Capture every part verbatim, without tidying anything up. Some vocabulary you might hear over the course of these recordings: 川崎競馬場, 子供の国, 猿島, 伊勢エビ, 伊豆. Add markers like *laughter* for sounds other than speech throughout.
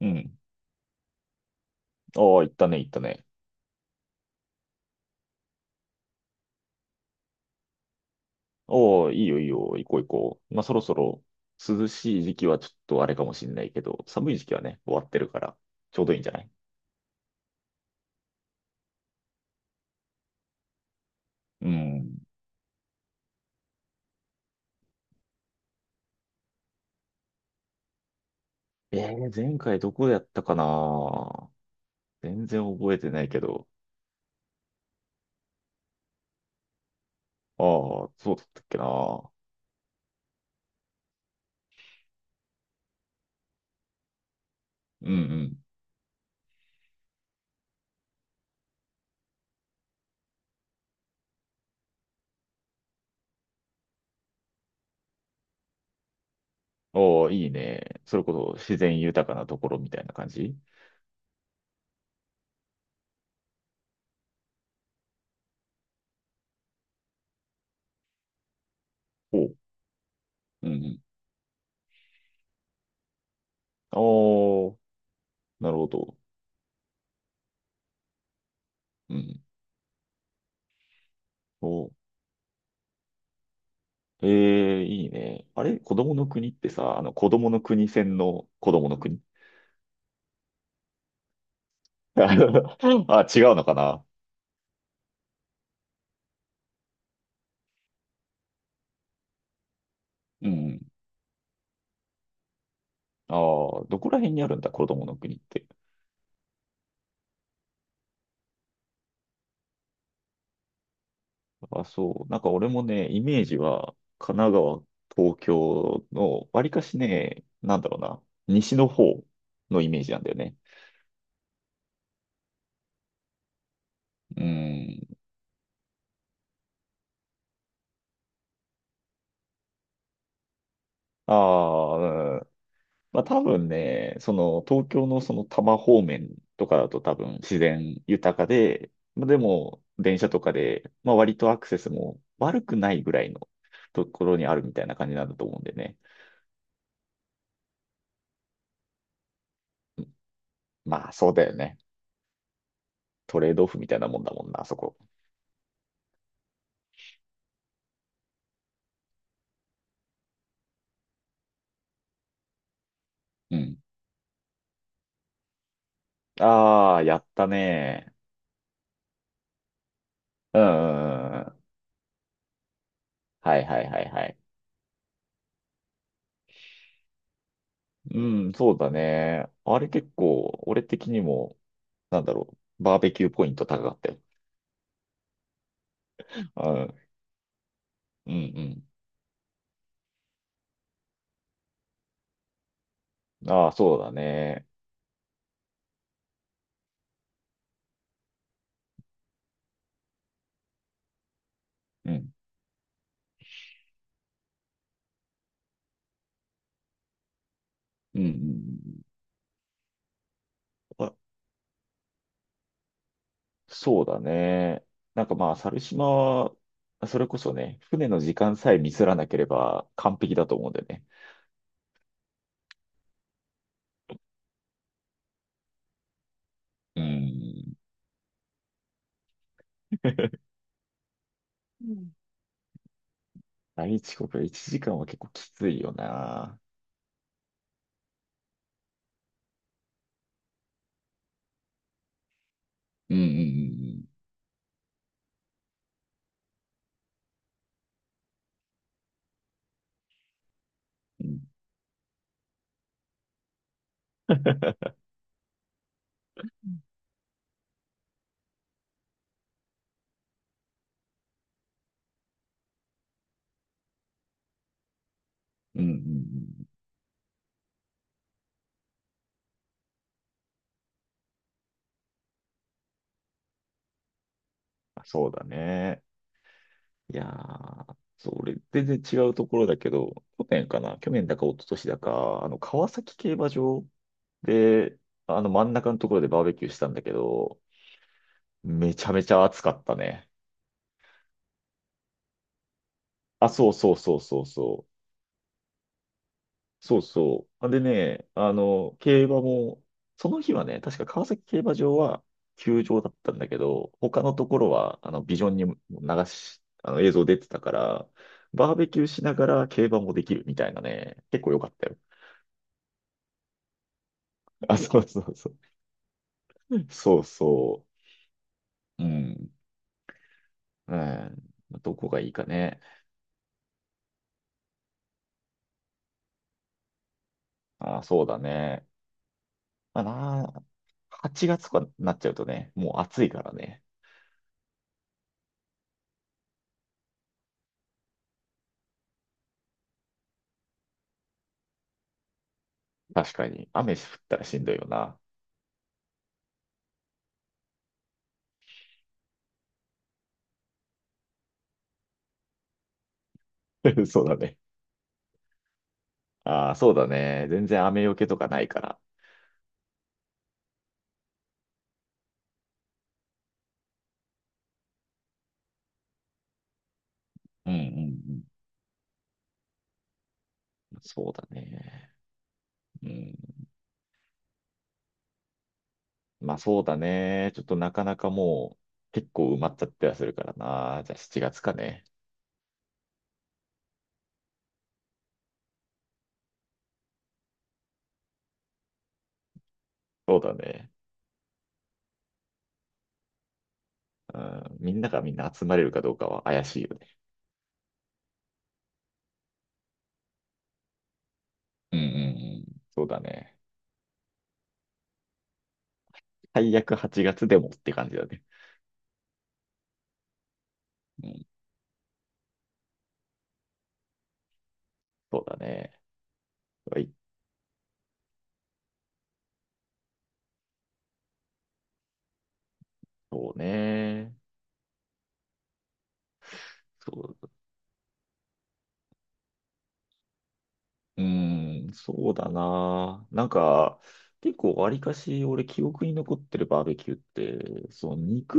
うん。ああ、行ったね、行ったね。ああ、いいよ、いいよ、行こう、行こう。まあ、そろそろ涼しい時期はちょっとあれかもしれないけど、寒い時期はね、終わってるから、ちょうどいいんじゃない？うん。えー、前回どこやったかな。全然覚えてないけど。ああ、そうだったっけな。うんうん。ああ、いいね。それこそ自然豊かなところみたいな感じ？おう。うんうん。ああ、なるほど。うん。お、ええ、いいね。あれ、子供の国ってさ、あの、子供の国戦の子供の国？ *laughs* あ、違うのかな？うん。ああ、どこら辺にあるんだ、子供の国って。あ、そう。なんか俺もね、イメージは、神奈川、東京の、わりかしね、なんだろうな、西の方のイメージなんだよね。うん。ああ、まあ多分ね、その東京のその多摩方面とかだと多分自然豊かで、まあでも電車とかで、まあ割とアクセスも悪くないぐらいのところにあるみたいな感じなんだと思うんでね。うん。まあそうだよね。トレードオフみたいなもんだもんな、あそこ。うん。ああ、やったね。うんうんうんうん。はいはいはいはい。うん、そうだね。あれ結構、俺的にも、なんだろう、バーベキューポイント高かったよ。うん、うん、うん。ああ、そうだね。うん。うんうんうん。あ、そうだね。なんかまあ、猿島は、それこそね、船の時間さえミスらなければ完璧だと思うんだよね。うん。うん、大遅刻いち *laughs* 時間は結構きついよな。うんうんうんうん。うんうんうんうん。あ、そうだね。いやー、そう、俺、全然違うところだけど、去年かな、去年だか一昨年だか、あの、川崎競馬場で、あの真ん中のところでバーベキューしたんだけど、めちゃめちゃ暑かったね。あ、そうそうそうそうそう。そうそう。でね、あの、競馬も、その日はね、確か川崎競馬場は休場だったんだけど、他のところは、あの、ビジョンに流し、あの、映像出てたから、バーベキューしながら競馬もできるみたいなね、結構良かったよ。あ、そうそうそう。そうそう。うん。うん。どこがいいかね。あ、そうだね。まあな、はちがつとかになっちゃうとね、もう暑いからね。確かに。雨降ったらしんどいよな。*laughs* そうだね。ああ、そうだね。全然雨よけとかないから。うんうんうん。そうだね。うん。まあそうだね。ちょっとなかなかもう結構埋まっちゃったりはするからな。じゃあしちがつかね。そうだね。うん。みんながみんな集まれるかどうかは怪しいよね。うんうんうん。そうだね。最悪はちがつでもって感じだね。うん。そうだね。はい。そうね。そう、うーん、そうだな。なんか、結構わりかし俺記憶に残ってるバーベキューって、その肉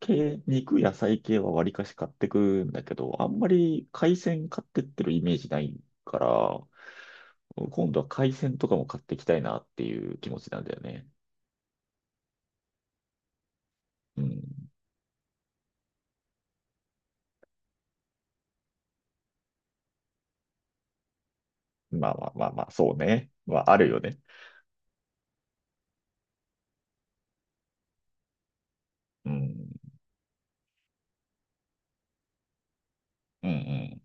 系、肉野菜系はわりかし買ってくんだけど、あんまり海鮮買ってってるイメージないから、今度は海鮮とかも買っていきたいなっていう気持ちなんだよね。うん。まあまあまあまあ、そうね。まああるよね。うん。うん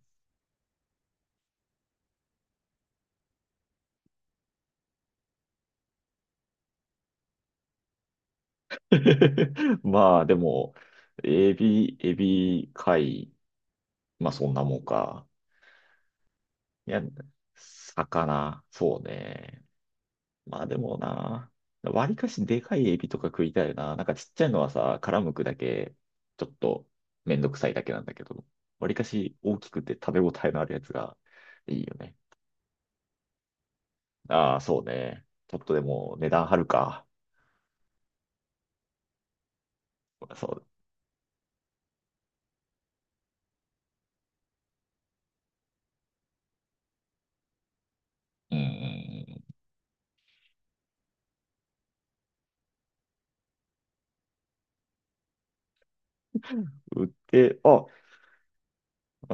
うん。*laughs* まあでも、エビ、エビ、貝、まあそんなもんか。いや、魚、そうね。まあでもな、わりかしでかいエビとか食いたいな。なんかちっちゃいのはさ、殻むくだけ、ちょっとめんどくさいだけなんだけど、わりかし大きくて食べ応えのあるやつがいいよね。ああ、そうね。ちょっとでも値段張るか。そう。うんうんうん。売って、あ、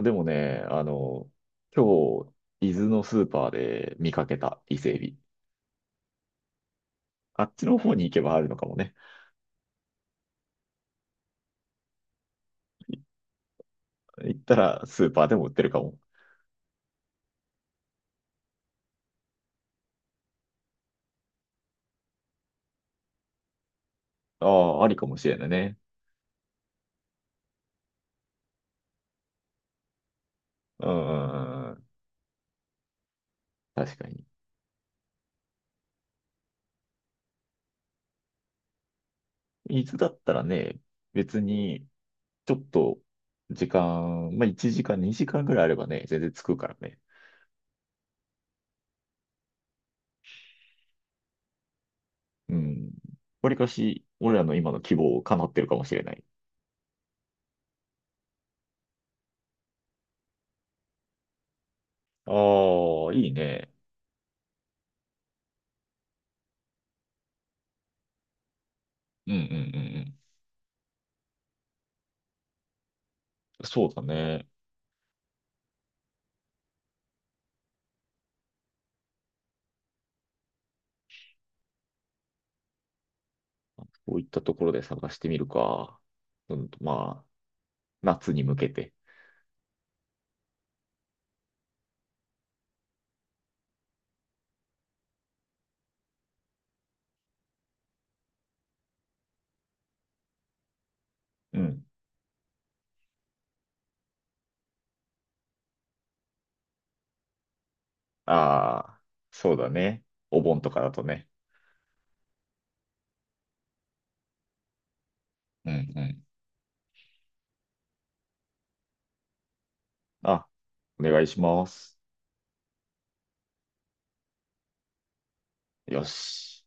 でもね、あの、今日、伊豆のスーパーで見かけた伊勢エビ。あっちの方に行けばあるのかもね。行ったらスーパーでも売ってるかも。ああ、ありかもしれないね。うん、うんうんうん。確かに。伊豆だったらね、別に、ちょっと、時間、まあ、いちじかん、にじかんぐらいあればね、全然着くからね。うん。わりかし、俺らの今の希望を叶ってるかもしれない。ああ、いいね。うんうんうんうん。そうだね。こういったところで探してみるか。うん、まあ、夏に向けて。うん。ああ、そうだね。お盆とかだとね。うんうん、あ、お願いします。よし。